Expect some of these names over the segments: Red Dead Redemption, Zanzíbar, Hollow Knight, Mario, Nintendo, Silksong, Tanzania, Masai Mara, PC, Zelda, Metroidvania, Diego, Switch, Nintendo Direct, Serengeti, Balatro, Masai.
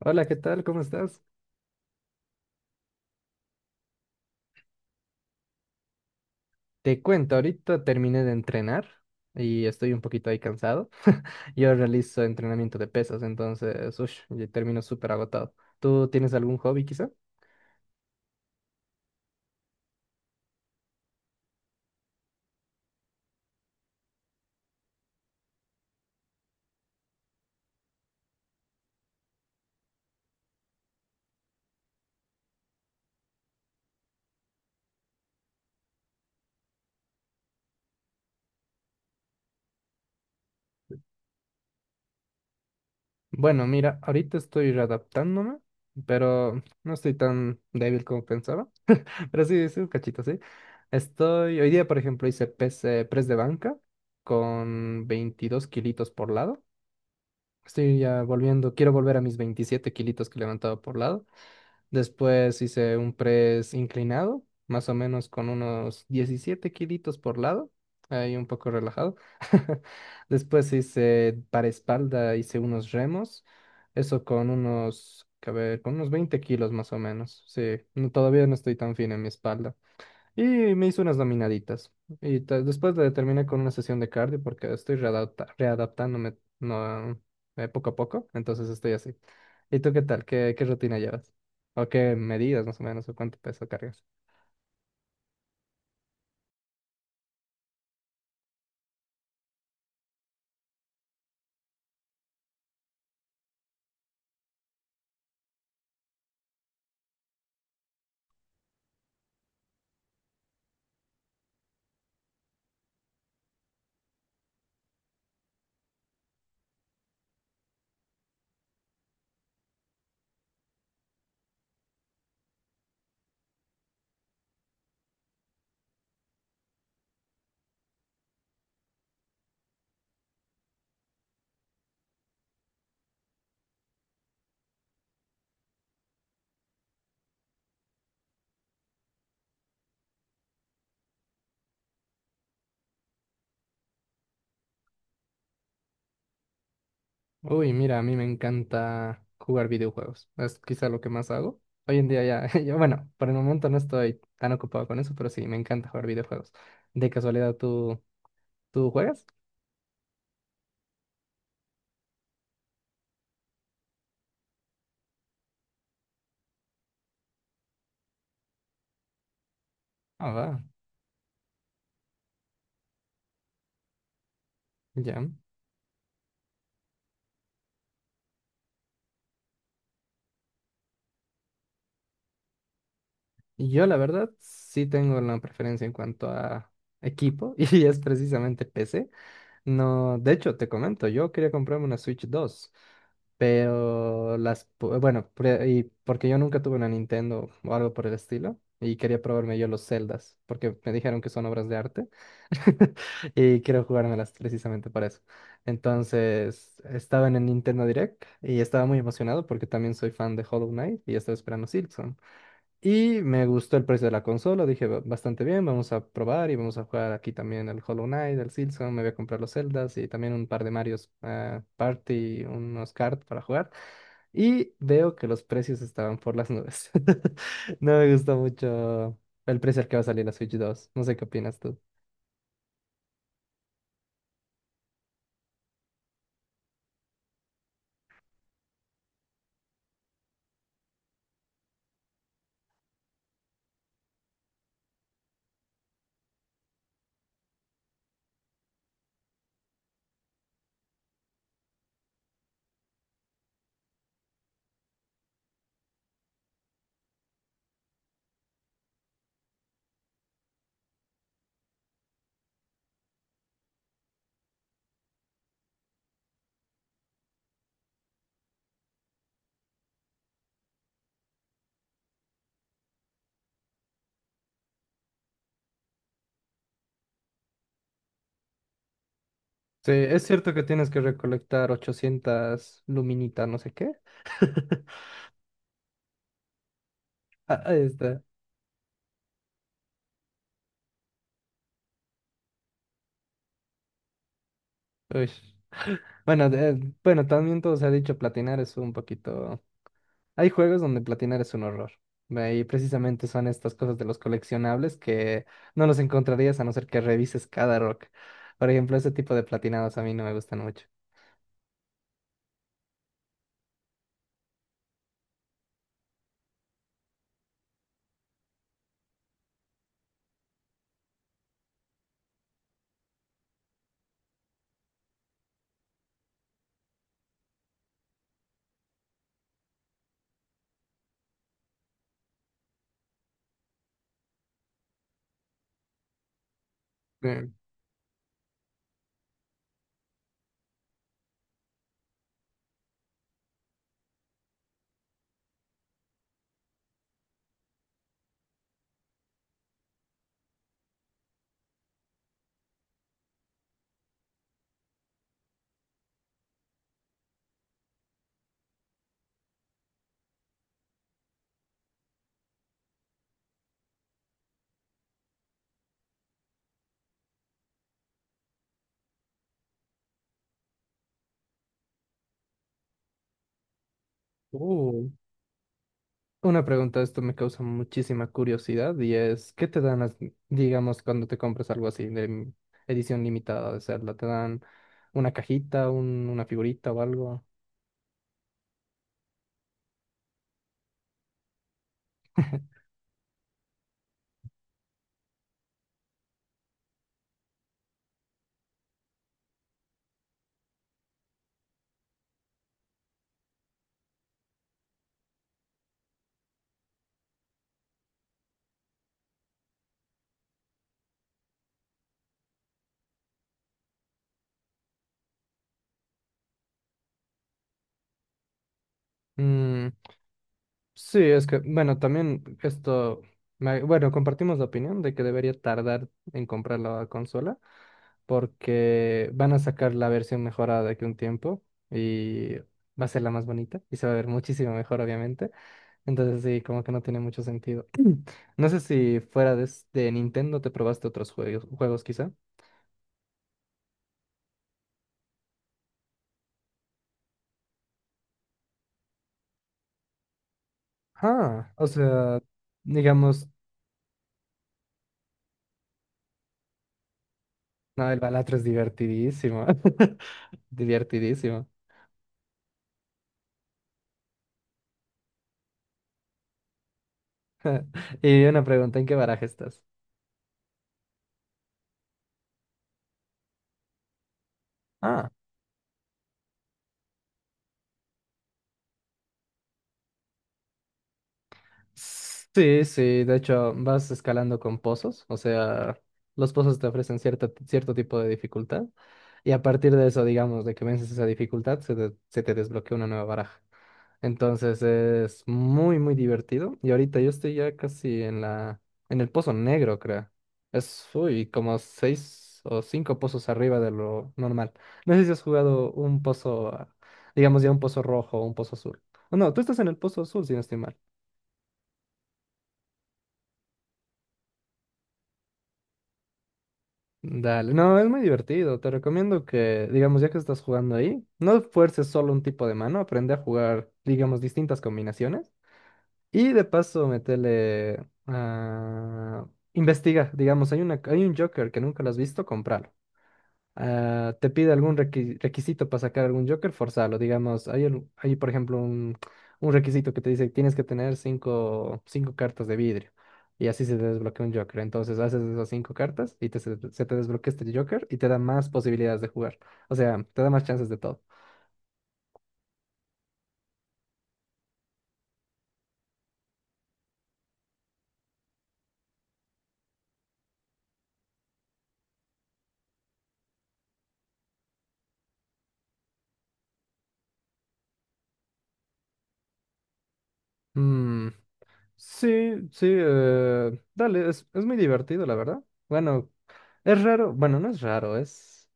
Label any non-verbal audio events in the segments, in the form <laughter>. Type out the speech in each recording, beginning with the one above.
Hola, ¿qué tal? ¿Cómo estás? Te cuento, ahorita terminé de entrenar y estoy un poquito ahí cansado. <laughs> Yo realizo entrenamiento de pesas, entonces, ush, yo termino súper agotado. ¿Tú tienes algún hobby quizá? Bueno, mira, ahorita estoy readaptándome, pero no estoy tan débil como pensaba. <laughs> Pero sí, sí, un cachito, sí. Estoy, hoy día, por ejemplo, hice press de banca con 22 kilitos por lado. Estoy ya volviendo, quiero volver a mis 27 kilitos que levantaba por lado. Después hice un press inclinado, más o menos con unos 17 kilitos por lado, ahí un poco relajado. <laughs> Después hice para espalda, hice unos remos, eso con unos, que a ver, con unos 20 kilos más o menos. Sí, todavía no estoy tan fino en mi espalda. Y me hice unas dominaditas. Después la terminé con una sesión de cardio porque readaptándome no, poco a poco. Entonces estoy así. ¿Y tú qué tal? ¿Qué rutina llevas? ¿O qué medidas más o menos? ¿O cuánto peso cargas? Uy, mira, a mí me encanta jugar videojuegos. Es quizá lo que más hago. Hoy en día ya, <laughs> yo, bueno, por el momento no estoy tan ocupado con eso, pero sí, me encanta jugar videojuegos. ¿De casualidad tú juegas? Ah, va, ya. Yo, la verdad, sí tengo una preferencia en cuanto a equipo <laughs> y es precisamente PC. No, de hecho, te comento, yo quería comprarme una Switch dos, pero las, pu- bueno, pre- y porque yo nunca tuve una Nintendo o algo por el estilo y quería probarme yo los Zeldas porque me dijeron que son obras de arte <laughs> y quiero jugármelas precisamente para eso. Entonces, estaba en el Nintendo Direct y estaba muy emocionado porque también soy fan de Hollow Knight y estaba esperando Silksong. Y me gustó el precio de la consola, dije: "Ba- bastante bien, vamos a probar y vamos a jugar aquí también el Hollow Knight, el Silson, me voy a comprar los Zeldas y también un par de Marios Party, unos cards para jugar". Y veo que los precios estaban por las nubes. <laughs> No me gustó mucho el precio al que va a salir la Switch dos. No sé qué opinas tú. Sí, es cierto que tienes que recolectar 800 luminitas, no sé qué. <laughs> Ah, ahí está. Uy. Bueno, también todo se ha dicho, platinar es un poquito. Hay juegos donde platinar es un horror. Y precisamente son estas cosas de los coleccionables que no los encontrarías a no ser que revises cada rock. Por ejemplo, ese tipo de platinados a mí no me gustan mucho. Eh, oh, Una pregunta, esto me causa muchísima curiosidad y es, ¿qué te dan, las- digamos, cuando te compras algo así edición limitada de Zelda, ¿te dan una cajita, una figurita o algo? Mm. Sí, es que, bueno, también esto, bueno, compartimos la opinión de que debería tardar en comprar la consola porque van a sacar la versión mejorada de aquí a un tiempo y va a ser la más bonita y se va a ver muchísimo mejor, obviamente. Entonces sí, como que no tiene mucho sentido. No sé si fuera de, de Nintendo te probaste otros juegos, juegos quizá. Ah, o sea, digamos, no, el Balatro es divertidísimo. <laughs> Divertidísimo. <laughs> Y una pregunta, ¿en qué baraja estás? Ah, sí, sí, de hecho vas escalando con pozos, o sea, los pozos te ofrecen cierto tipo de dificultad y a partir de eso, digamos, de que vences esa dificultad, se te desbloquea una nueva baraja. Entonces es muy divertido y ahorita yo estoy ya casi en en el pozo negro, creo. Es, uy, como seis o cinco pozos arriba de lo normal. No sé si has jugado un pozo, ah, digamos ya un pozo rojo o un pozo azul. No, tú estás en el pozo azul, si no estoy mal. Dale, no, es muy divertido. Te recomiendo que, digamos, ya que estás jugando ahí, no fuerces solo un tipo de mano, aprende a jugar, digamos, distintas combinaciones. Y de paso, metele a... Investiga, digamos, hay un Joker que nunca lo has visto, compralo. Ah, te pide algún requisito para sacar algún Joker, forzalo. Digamos, hay por ejemplo un requisito que te dice que tienes que tener cinco cartas de vidrio y así se te desbloquea un Joker. Entonces haces esas cinco cartas y se te desbloquea este Joker y te da más posibilidades de jugar. O sea, te da más chances de todo. Mm. Sí, sí, dale, es muy divertido, la verdad. Bueno, es raro, bueno, no es raro, es...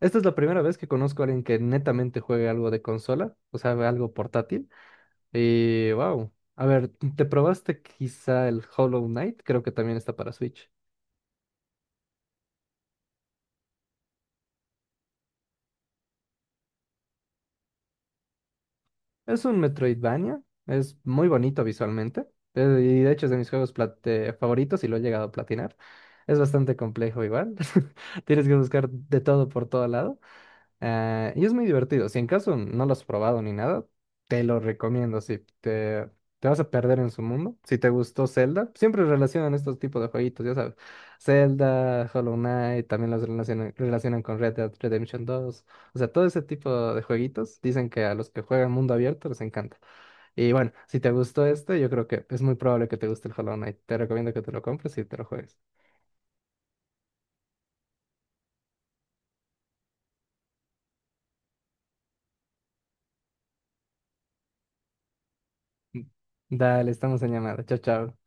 Esta es la primera vez que conozco a alguien que netamente juegue algo de consola, o sea, algo portátil. Y wow, a ver, ¿te probaste quizá el Hollow Knight? Creo que también está para Switch. Es un Metroidvania, es muy bonito visualmente, y de hecho es de mis favoritos y lo he llegado a platinar. Es bastante complejo igual, <laughs> tienes que buscar de todo por todo lado. Ah, y es muy divertido. Si en caso no lo has probado ni nada, te lo recomiendo. Si te, te vas a perder en su mundo. Si te gustó Zelda, siempre relacionan estos tipos de jueguitos, ya sabes. Zelda, Hollow Knight, también los relacionan con Red Dead Redemption dos. O sea, todo ese tipo de jueguitos dicen que a los que juegan mundo abierto les encanta. Y bueno, si te gustó este, yo creo que es muy probable que te guste el Hollow Knight. Te recomiendo que te lo compres y te lo juegues. Dale, estamos en llamada. Chao, chao.